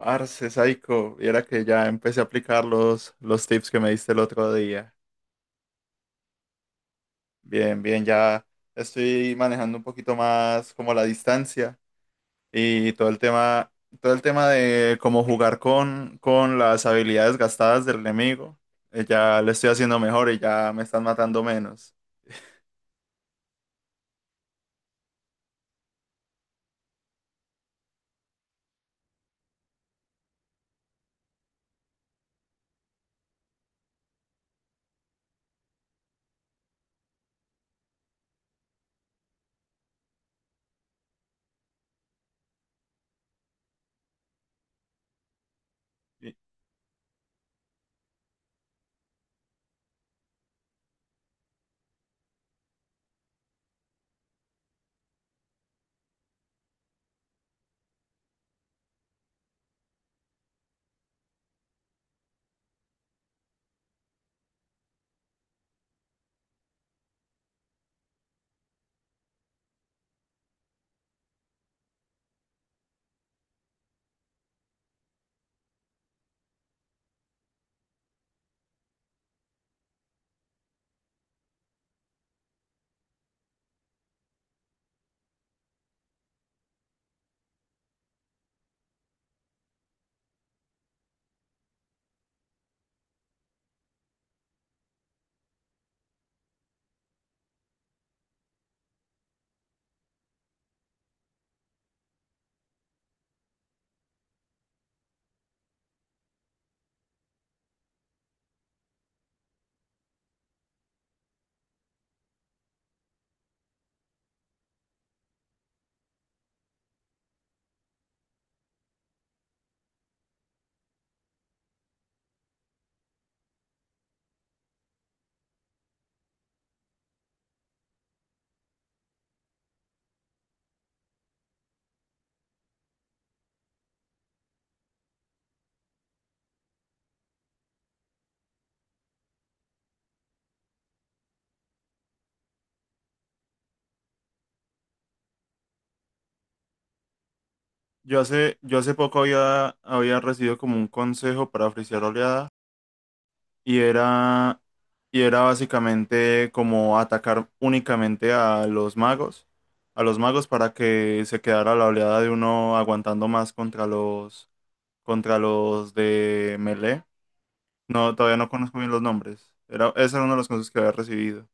Arce, Saico, viera que ya empecé a aplicar los tips que me diste el otro día. Bien, bien, ya estoy manejando un poquito más como la distancia y todo el tema de cómo jugar con las habilidades gastadas del enemigo. Ya le estoy haciendo mejor y ya me están matando menos. Y yo hace poco había recibido como un consejo para frisear oleadas y era, y era básicamente como atacar únicamente a los magos para que se quedara la oleada de uno aguantando más contra contra los de melee. No, todavía no conozco bien los nombres. Ese era uno de los consejos que había recibido.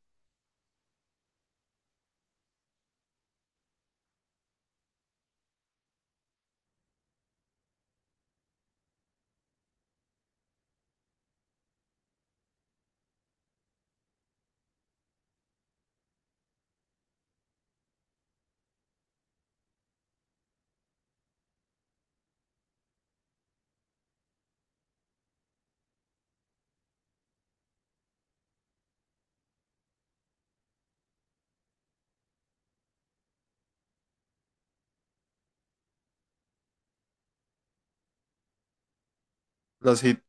Las, hit-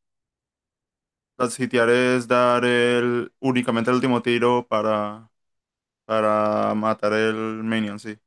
las hitear es dar el, únicamente el último tiro para matar el minion, sí.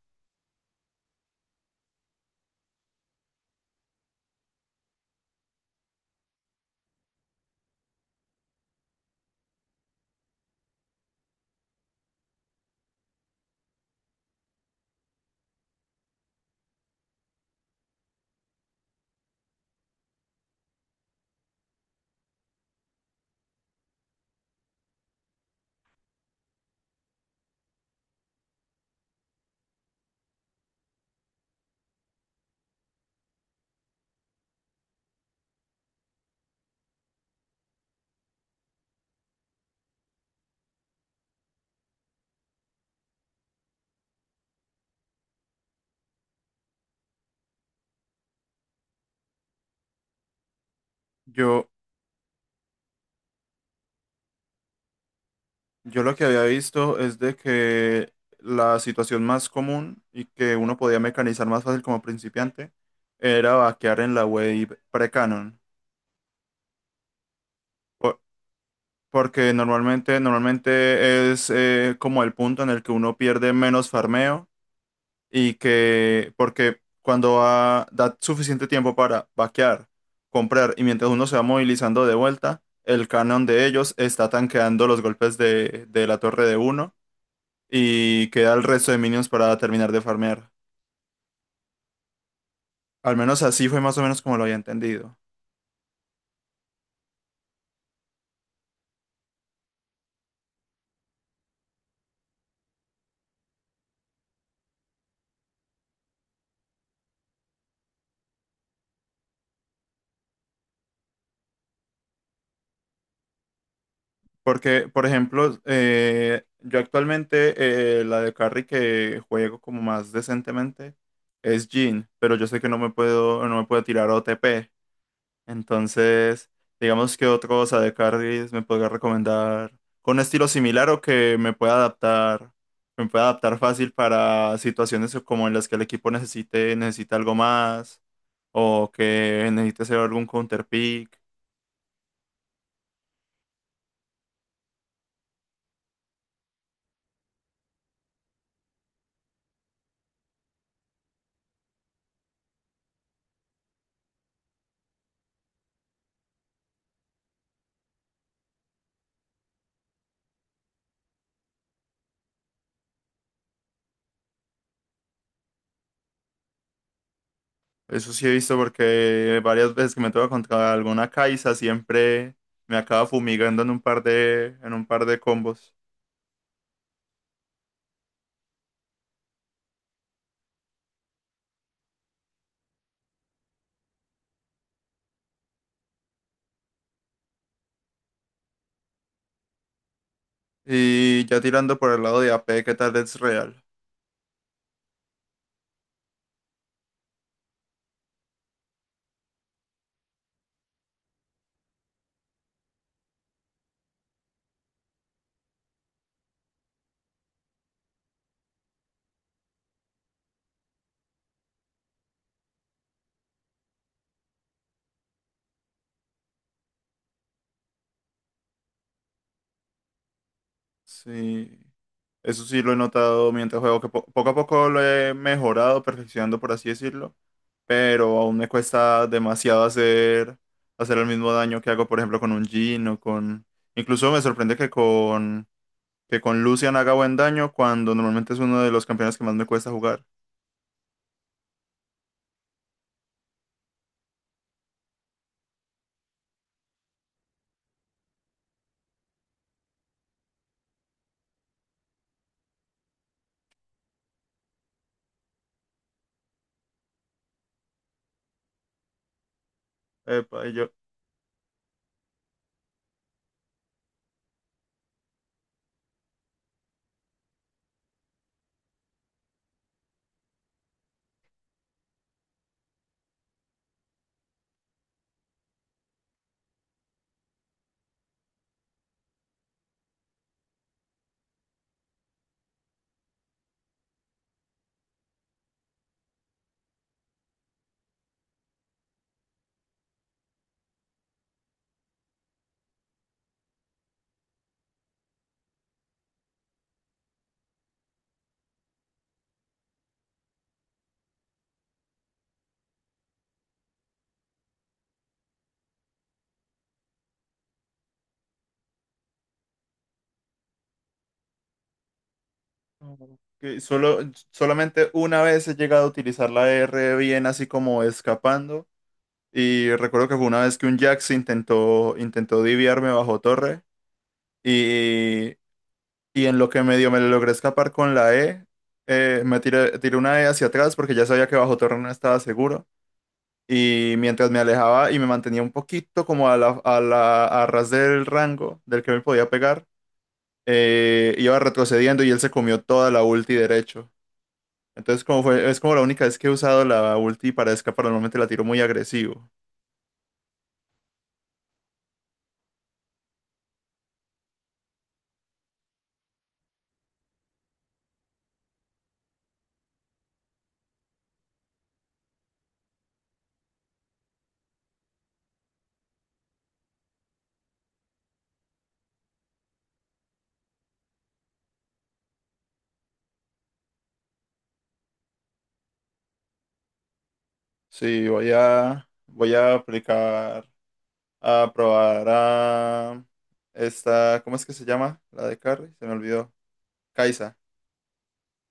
Yo, Yo lo que había visto es de que la situación más común y que uno podía mecanizar más fácil como principiante era vaquear en la web pre-canon. Por- Porque normalmente, normalmente es como el punto en el que uno pierde menos farmeo y que, porque da suficiente tiempo para vaquear, comprar y mientras uno se va movilizando de vuelta, el canon de ellos está tanqueando los golpes de la torre de uno y queda el resto de minions para terminar de farmear. Al menos así fue más o menos como lo había entendido. Porque, por ejemplo, yo actualmente la de carry que juego como más decentemente es Jhin, pero yo sé que no me puedo tirar OTP. Entonces, digamos que otros AD carries me podría recomendar con un estilo similar o que me pueda adaptar fácil para situaciones como en las que el equipo necesita algo más o que necesite hacer algún counter pick. Eso sí he visto porque varias veces que me toca contra alguna Kai'Sa siempre me acaba fumigando en un par en un par de combos. Y ya tirando por el lado de AP, ¿qué tal es real? Sí, eso sí lo he notado mientras juego, que poco a poco lo he mejorado, perfeccionando, por así decirlo, pero aún me cuesta demasiado hacer el mismo daño que hago, por ejemplo, con un Jhin o con... Incluso me sorprende que con Lucian haga buen daño cuando normalmente es uno de los campeones que más me cuesta jugar. Epa, y yo... que solo, solamente una vez he llegado a utilizar la R bien así como escapando. Y recuerdo que fue una vez que un Jax intentó diviarme bajo torre y, y en lo que medio me logré escapar con la E, tiré una E hacia atrás porque ya sabía que bajo torre no estaba seguro. Y mientras me alejaba y me mantenía un poquito como a ras del rango del que me podía pegar, iba retrocediendo y él se comió toda la ulti derecho. Entonces es como la única vez que he usado la ulti para escapar, normalmente la tiro muy agresivo. Sí, voy a aplicar, a probar a esta, ¿cómo es que se llama? La de Carry, se me olvidó. Kaisa.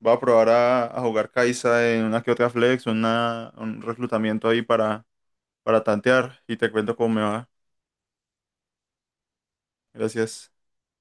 Voy a probar a jugar Kaisa en una que otra flex, un reclutamiento ahí para tantear y te cuento cómo me va. Gracias.